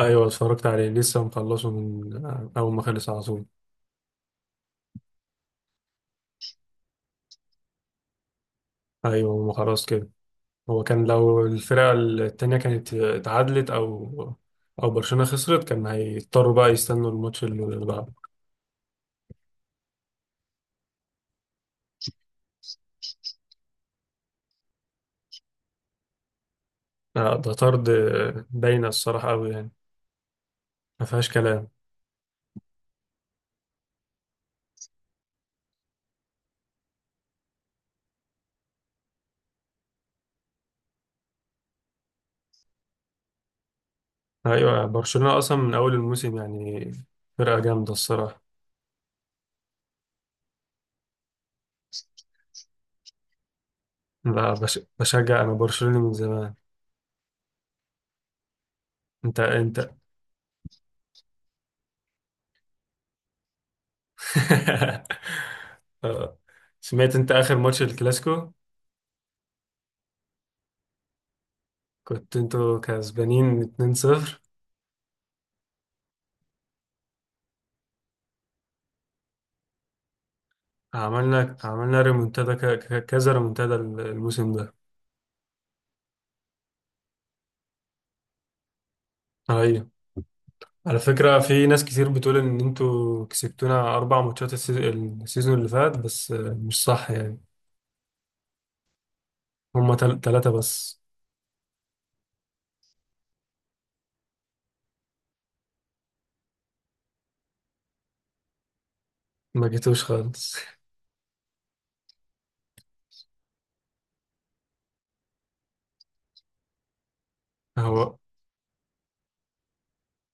ايوه، اتفرجت عليه لسه مخلصه من اول ما خلص على طول. ايوه، ما خلاص كده. هو كان لو الفرقه التانيه كانت اتعادلت او برشلونه خسرت، كان هيضطروا بقى يستنوا الماتش اللي بعده. آه، ده طرد. باينه الصراحه قوي يعني. ما فيهاش كلام. ايوه، برشلونه اصلا من اول الموسم يعني فرقه جامده الصراحه. لا، بشجع انا برشلونه من زمان. انت آه، سمعت انت اخر ماتش الكلاسيكو؟ كنت انتوا كسبانين 2-0. عملنا ريمونتادا، كذا ريمونتادا الموسم ده. ايوه، على فكرة في ناس كتير بتقول ان انتوا كسبتونا اربع ماتشات السيزون اللي فات، بس مش صح يعني. هما تلاتة بس. ما جيتوش خالص. هو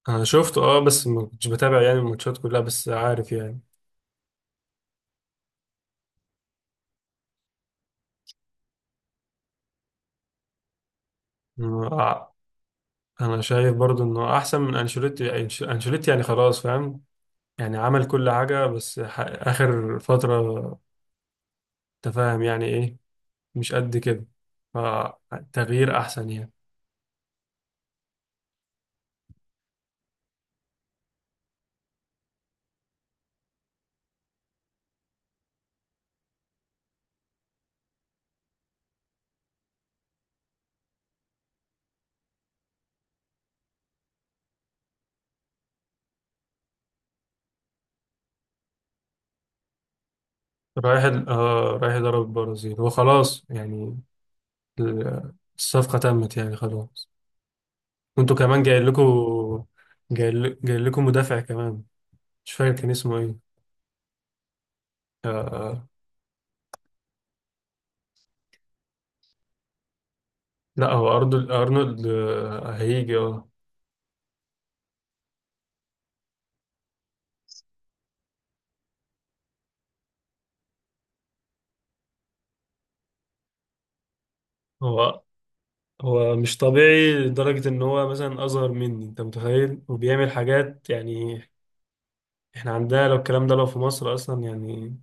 انا شفته اه، بس ما كنتش بتابع يعني الماتشات كلها، بس عارف يعني. اه، انا شايف برضو انه احسن من انشيلوتي. انشيلوتي يعني خلاص فاهم. يعني عمل كل حاجة، بس آخر فترة انت فاهم يعني ايه، مش قد كده. فتغيير احسن يعني. رايح ال... آه رايح يضرب البرازيل وخلاص يعني. الصفقة تمت يعني خلاص. وانتوا كمان جاي لكم. جاي لكم مدافع كمان. مش فاكر كان اسمه ايه. آه، آه، لا، هو ارنولد، ارنولد هيجي اه. هو هو مش طبيعي لدرجة ان هو مثلا اصغر مني، انت متخيل، وبيعمل حاجات يعني. احنا عندنا لو الكلام ده لو في مصر اصلا يعني،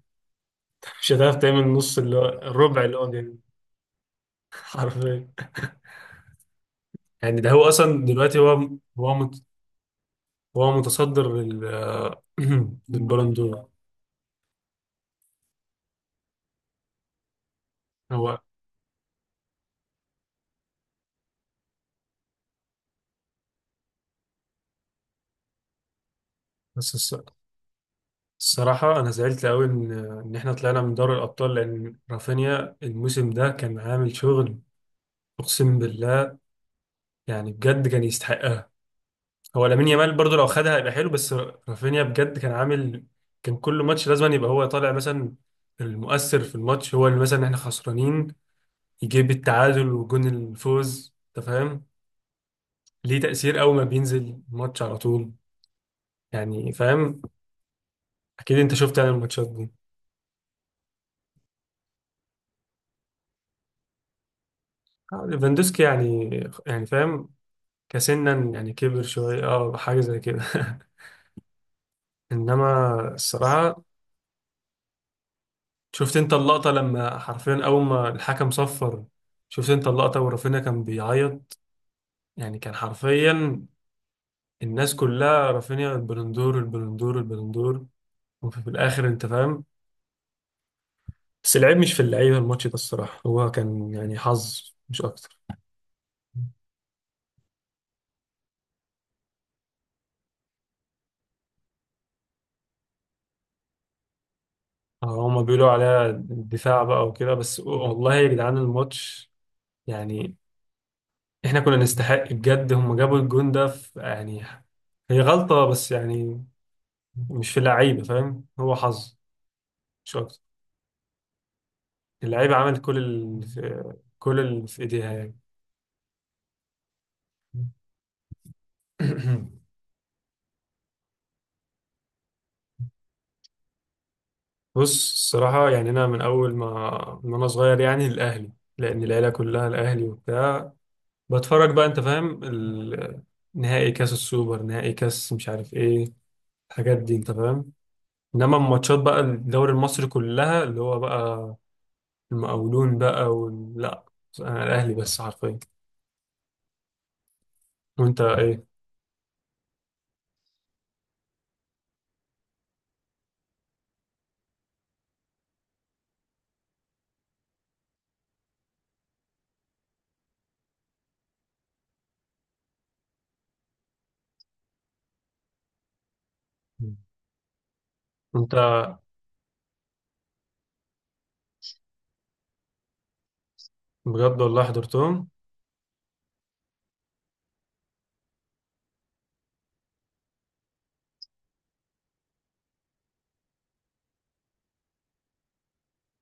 مش هتعرف تعمل نص اللي هو الربع اللي هو بيعمله. حرفيا. يعني ده هو اصلا دلوقتي. هو مت- هو متصدر للبالون دور. هو بس الصراحة، أنا زعلت أوي إن إحنا طلعنا من دوري الأبطال، لأن رافينيا الموسم ده كان عامل شغل. أقسم بالله، يعني بجد كان يستحقها. هو لامين يامال برضه لو خدها هيبقى حلو، بس رافينيا بجد كان عامل. كان كل ماتش لازم يبقى هو طالع مثلا المؤثر في الماتش. هو اللي مثلا إحنا خسرانين يجيب التعادل وجون الفوز، انت فاهم؟ ليه تأثير اول ما بينزل الماتش على طول، يعني فاهم. اكيد انت شفت يعني الماتشات دي. آه، ليفاندوسكي يعني، يعني فاهم، كسنا، يعني كبر شوية، حاجة زي كده. انما الصراحة، شفت انت اللقطة لما حرفيا اول ما الحكم صفر؟ شفت انت اللقطة ورافينيا كان بيعيط؟ يعني كان حرفيا الناس كلها رافينيا، البلندور البلندور البلندور. وفي الاخر انت فاهم. بس العيب مش في اللعيبه، الماتش ده الصراحه هو كان يعني حظ مش اكتر. آه، هما بيقولوا عليها الدفاع بقى وكده، بس والله يا جدعان، الماتش يعني احنا كنا نستحق بجد. هما جابوا الجون ده في يعني، هي غلطه بس يعني، مش في اللعيبه فاهم، هو حظ مش اكتر. اللعيبه عملت كل اللي في ايديها يعني. بص الصراحة، يعني أنا من أول ما من أنا صغير يعني الأهلي، لأن العيلة كلها الأهلي وبتاع. بتفرج بقى، انت فاهم، نهائي كاس السوبر، نهائي كاس مش عارف ايه، الحاجات دي انت فاهم. انما الماتشات بقى الدوري المصري كلها اللي هو بقى المقاولون بقى، لا، انا الاهلي بس حرفيا. وانت ايه؟ انت بجد والله حضرتهم؟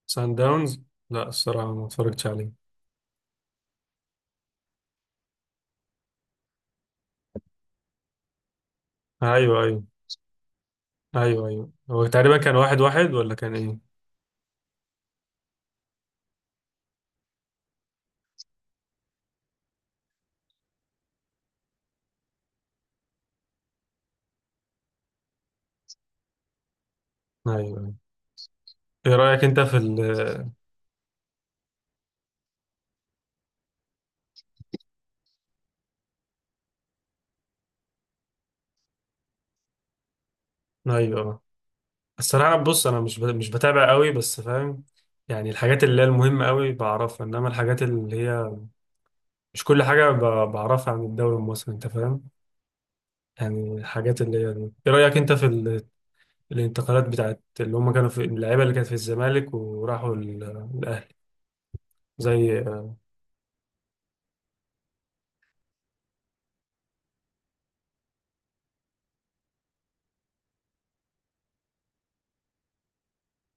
سان داونز؟ لا الصراحه ما اتفرجتش عليه. ايوه، ايوه. ايوه، ايوه، هو تقريبا كان واحد واحد ولا كان ايه؟ ايوه، ايوه. ايه رايك انت في ايوه، الصراحة بص، أنا مش بتابع قوي، بس فاهم يعني الحاجات اللي هي المهمة قوي بعرفها، إنما الحاجات اللي هي مش كل حاجة بعرفها عن الدوري المصري، أنت فاهم. يعني الحاجات اللي هي دي، إيه رأيك أنت في الانتقالات بتاعت اللي هم كانوا في اللعيبة اللي كانت في الزمالك وراحوا الأهلي، زي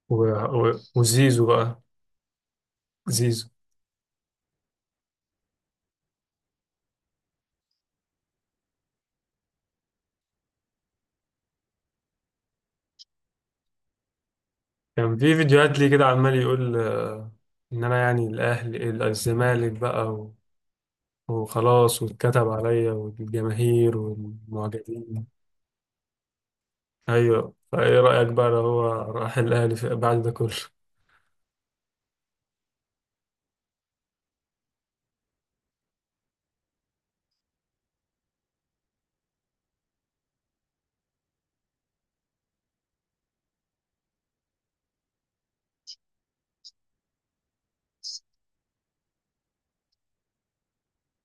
و- وزيزو بقى. زيزو كان في فيديوهات ليه كده عمال يقول، إن أنا يعني الأهلي، الزمالك بقى وخلاص، واتكتب عليا والجماهير والمعجبين. ايوه، فايه رايك بقى لو هو راح الاهلي بعد ده كله؟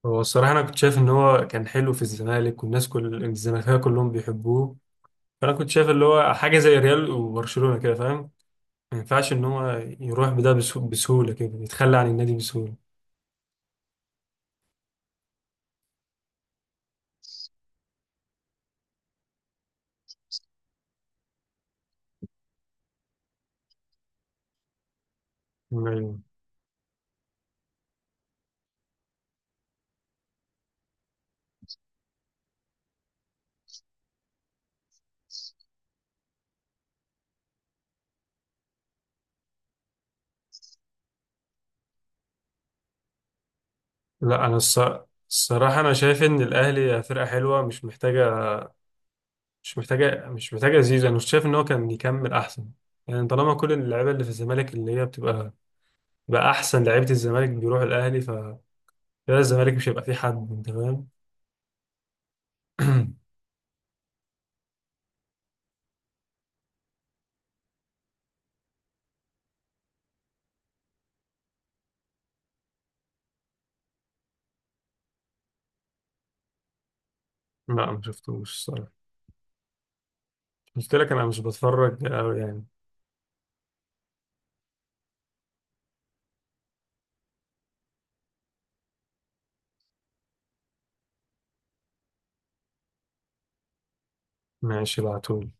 هو الصراحه انا كنت شايف ان هو كان حلو في الزمالك والناس كل الزمالكيه كلهم بيحبوه. فانا كنت شايف اللي هو حاجه زي ريال وبرشلونه كده فاهم. ما ينفعش ان هو يروح بده بسهوله كده، يتخلى عن النادي بسهوله. أيوة. لا، انا الصراحه انا شايف ان الاهلي فرقه حلوه، مش محتاجه زيزو. انا شايف ان هو كان يكمل احسن. يعني طالما كل اللعيبه اللي في الزمالك اللي هي بتبقى بقى احسن لعيبه الزمالك بيروح الاهلي، كده الزمالك مش هيبقى فيه حد انت فاهم. لا، ما شفتوش الصراحه. قلت لك انا مش بتفرج قوي يعني. ماشي، ابعتهولي.